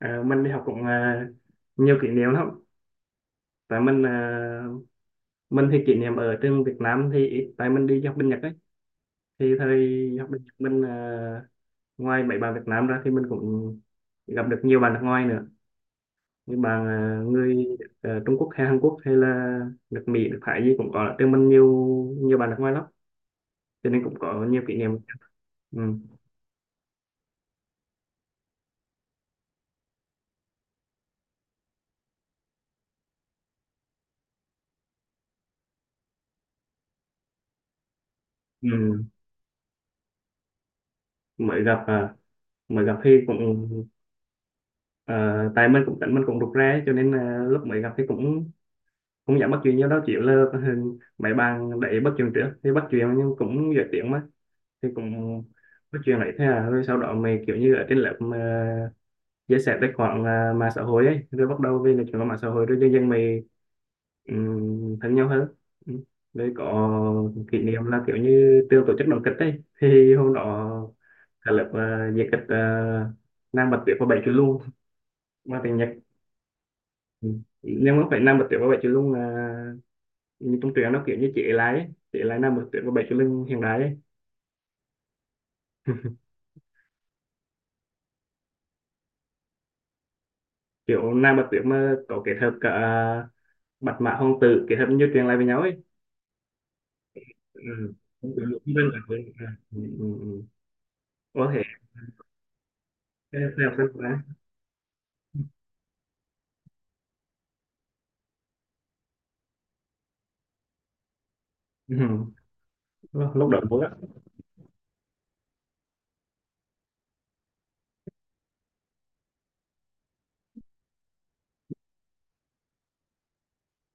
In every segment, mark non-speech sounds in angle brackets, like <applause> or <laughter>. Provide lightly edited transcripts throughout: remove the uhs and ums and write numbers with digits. Mình đi học cũng nhiều kỷ niệm lắm tại mình thì kỷ niệm ở trên Việt Nam thì ít tại mình đi học bên Nhật ấy, thì thời học bên Nhật mình ngoài mấy bạn Việt Nam ra thì mình cũng gặp được nhiều bạn nước ngoài nữa, như người Trung Quốc hay Hàn Quốc hay là nước Mỹ, nước Thái gì cũng có, ở trên mình nhiều nhiều bạn nước ngoài lắm, cho nên cũng có nhiều kỷ niệm. Ừ. Ừ. Mới gặp mới gặp thì cũng tại mình cũng tính mình cũng rụt rè cho nên lúc mới gặp thì cũng cũng dẫn bắt chuyện với đó chịu là mấy bạn đẩy bắt chuyện trước thì bắt chuyện nhưng cũng dễ tiếng mà, thì cũng bắt chuyện lại thế à, rồi sau đó mày kiểu như ở trên lớp mà chia sẻ tài khoản mạng xã hội ấy, rồi bắt đầu về là chuyện qua mạng xã hội, rồi dần dần mày thân nhau hơn. Ừ. Rồi có kỷ niệm là kiểu như trường tổ chức đoàn kịch ấy, thì hôm đó cả lớp diễn kịch Nam Bạch Tuyết và Bảy Chú Lung mà tiếng Nhật. Ừ. Nhưng mà phải Nam Bạch Tuyết và Bảy Chú Lung là như trong truyện, nó kiểu như chị lái ấy. Chị lái Nam Bạch Tuyết và Bảy Chú Linh hiện đại ấy. <laughs> Kiểu Nam Bạch Tuyết mà có kết hợp cả bạch mã hoàng tử, kết hợp như truyện lại với nhau ấy. Ừ. Cũng kiểu lục vân ở ừ, ừ, ừ. Ừ. Có thể theo xem quá. Ừ. Lúc lúc đó vui á.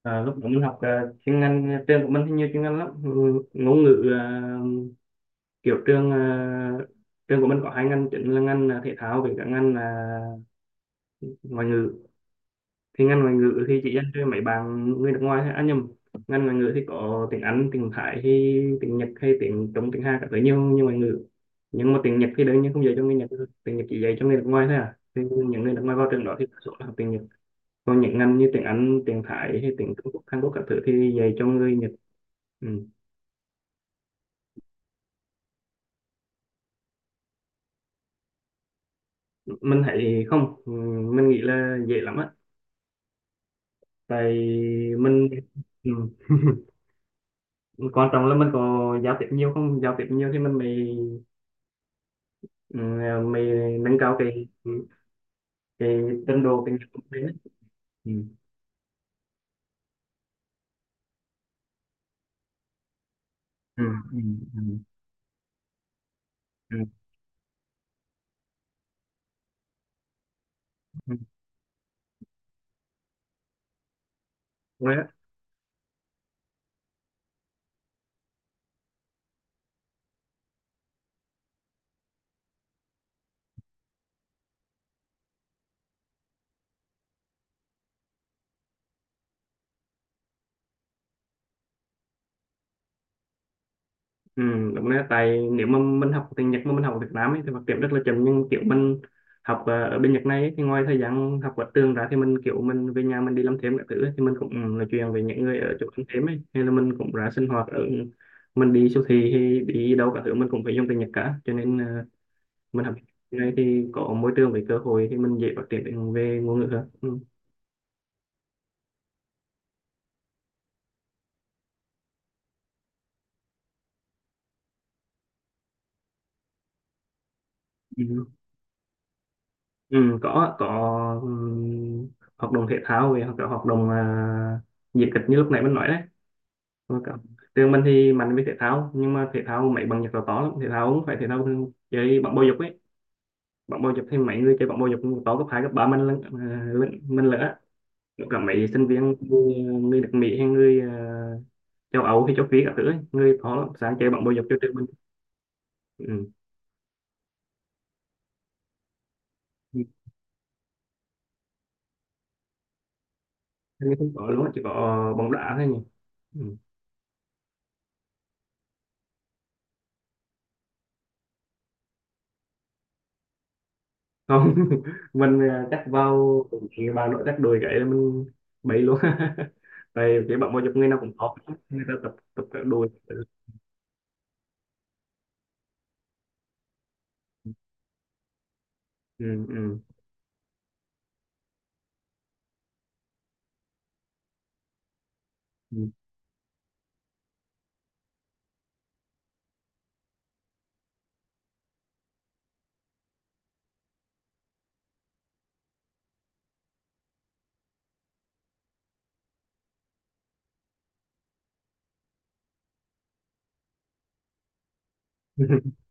Lúc đó mình học chuyên ngành trường của mình thì nhiều chuyên ngành lắm. Ừ, ngôn ngữ là kiểu trường của mình có hai ngành chính, là ngành thể thao với cả ngành là ngoại ngữ. Thì ngành ngoại ngữ thì chị dành cho mấy bạn người nước ngoài thôi à nhầm, ngành ngoại ngữ thì có tiếng Anh, tiếng Thái hay tiếng Nhật hay tiếng Trung, tiếng Hàn các thứ, nhiều nhiều ngoại ngữ. Nhưng mà tiếng Nhật thì đương nhiên không dạy cho người Nhật thôi. Tiếng Nhật chỉ dạy cho người nước ngoài thôi à, thì những người nước ngoài vào trường đó thì đa số là học tiếng Nhật. Còn những ngành như tiếng Anh, tiếng Thái hay tiếng Trung Quốc, Hàn Quốc các thứ thì dạy cho người Nhật. Ừ. Mình thấy không, ừ, mình nghĩ là dễ lắm á. Tại mình ừ. <laughs> Quan trọng là mình có giao tiếp nhiều không, giao tiếp nhiều thì mình mới ừ, mày nâng cao cái cái trình độ, cái nhận thức đấy. Ừ. Ừ. Ừ. Ừ. Ừ. Ừ. Đúng đấy. Ừ. Đúng đấy. Tại nếu mà mình học tiếng Nhật mà mình học ở Việt Nam ấy, thì phát triển rất là chậm, nhưng kiểu mình học ở bên Nhật này ấy, thì ngoài thời gian học ở trường ra, thì mình kiểu mình về nhà mình đi làm thêm các thứ ấy, thì mình cũng ừ, nói chuyện với những người ở chỗ ăn thêm ấy, hay là mình cũng ra sinh hoạt ở mình đi siêu thị hay đi đâu cả thứ mình cũng phải dùng tiếng Nhật cả, cho nên mình học tiếng Nhật này thì có môi trường với cơ hội, thì mình dễ phát triển về ngôn ngữ hơn. Ừ. Ừ. Ừ, có, ừ, hoạt động thể thao về hoặc là hoạt động diễn kịch như lúc nãy mình nói đấy. Rồi cả- trường mình thì mạnh với thể thao, nhưng mà thể thao mấy bằng Nhật là to lắm, thể thao cũng phải thể thao chơi bóng bầu dục ấy. Bóng bầu dục thì mấy người chơi bóng bầu dục cũng to, cấp hai cấp ba mình lận mình lỡ cả mấy sinh viên người nước Mỹ hay người châu Âu hay châu Phi các thứ ấy. Người to lắm, sáng chơi bóng bầu dục cho trường mình. Ừ. Hình như không có luôn á, chỉ có bóng đá thôi nhỉ. Ừ. Không. <laughs> Mình chắc vào bà nội chắc đùi gãy là mình bậy luôn. <laughs> Tại cái bọn môi dục người nào cũng khó, người ta tập tập các đùi. Ừ, ừ, ừ. <laughs>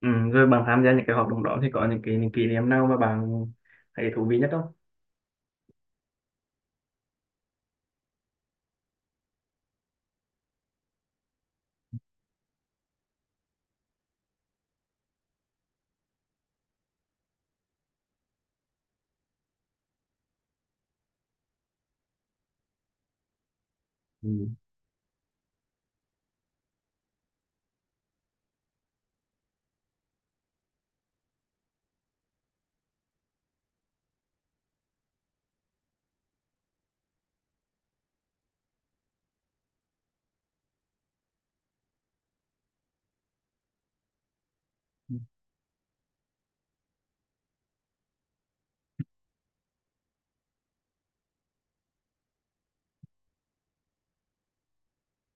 Ừ. Rồi bạn tham gia những cái hoạt động đó thì có những cái những kỷ niệm nào mà bạn thấy thú vị nhất không. Ừ.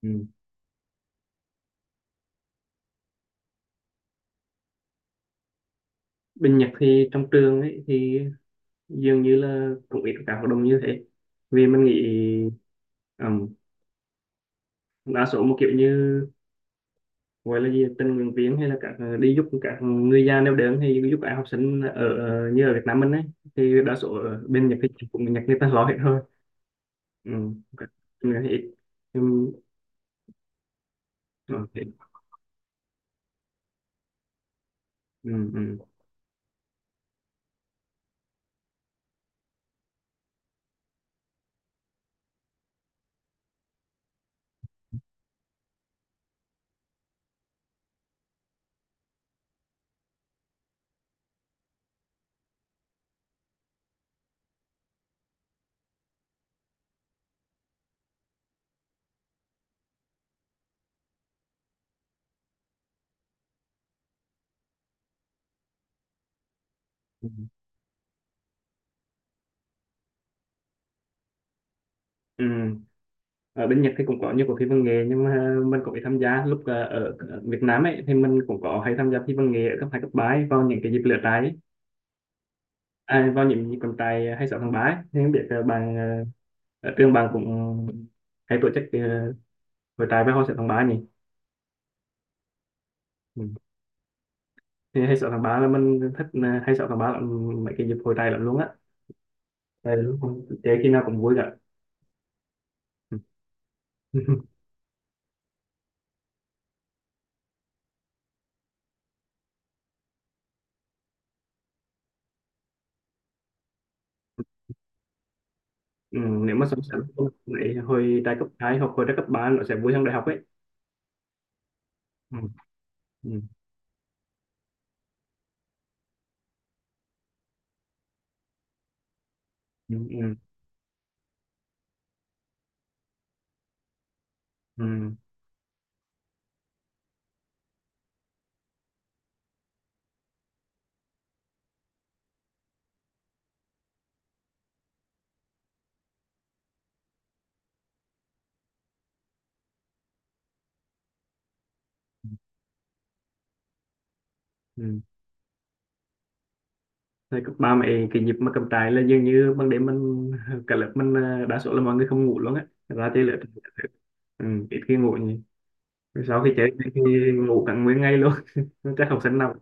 Ừ. Bên Nhật thì trong trường ấy thì dường như là cũng ít các hoạt động như thế, vì mình nghĩ um, đa số một kiểu như gọi là gì tình nguyện viên hay là các đi giúp các người già neo đơn hay giúp các học sinh ở ở- như ở Việt Nam mình ấy, thì đa số ở bên Nhật thì cũng Nhật người ta lo hết thôi. Ừ. Các- người thì ít. Ừ. Ok. Ừ. Ừ. Ừ. Ừ. Ở bên Nhật thì cũng có nhiều cuộc thi văn nghệ, nhưng mà mình cũng ít tham gia. Lúc ở Việt Nam ấy, thì mình cũng có hay tham gia thi văn nghệ ở cấp hai cấp ba ấy, vào những cái dịp lễ trái ấy. À, vào những dịp trọng tài 26 tháng 3 ấy. Thì không biết bạn ở trường bạn cũng hay tổ chức hội trại với hội sẽ tháng 3 nhỉ. Ừ. Thì hay sợ thằng ba là mình thích hay sợ thằng ba là mấy cái dịp hồi tay lắm luôn á, tại lúc không chơi khi nào cũng vui cả. Ừ. <laughs> Ừ, nếu mà so sánh lại hồi đại cấp 2 hoặc hồi đại cấp 3 nó sẽ vui hơn đại học ấy. Ừ. Ừ. Ừ. Ừ. Ừ. Ừ. Thời cấp 3 mày cái dịp mà cầm trại là dường như ban đêm mình cả lớp mình đa số là mọi người không ngủ luôn á, ra chơi lớp. Ừ. Ít khi ngủ nhỉ, sau khi chơi thì ngủ cả nguyên ngày luôn. <laughs> Chắc học sinh nào.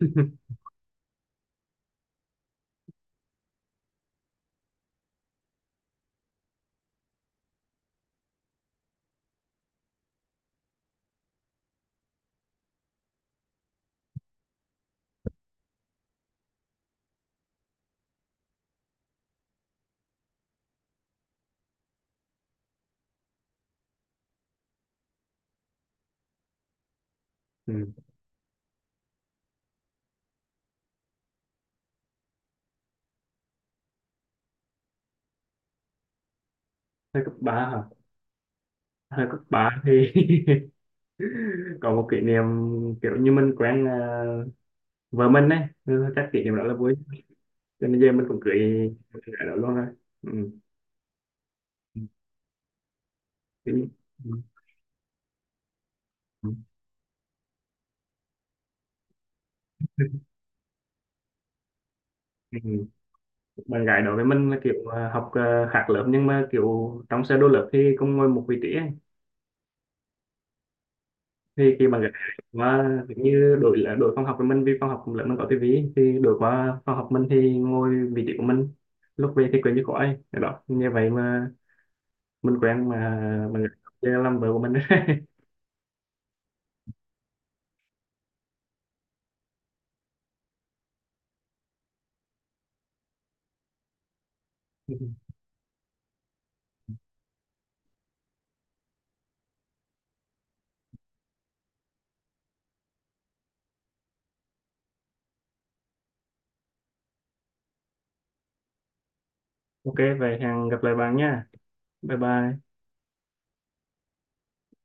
<laughs> Ừ. Thời cấp 3 hả, thời cấp 3 thì <laughs> <laughs> còn một kỷ niệm kiểu như mình quen vợ mình ấy. Ừ, chắc kỷ niệm đó là vui, cho nên giờ mình cũng cưới gái đó luôn rồi. Ừ. Ừ. Ừ. Ừ. Bạn gái đó với mình là kiểu học khác lớp, nhưng mà kiểu trong sơ đồ lớp thì cũng ngồi một vị trí ấy. Thì khi bạn gái mà kiểu như đổi là đổi phòng học với mình, vì phòng học lớp mình có tivi thì đổi qua phòng học mình thì ngồi vị trí của mình, lúc về thì quên như khỏi đó như vậy mà mình quen mà mình làm vợ của mình. <laughs> Ok, vậy hẹn gặp lại bạn nha. Bye bye.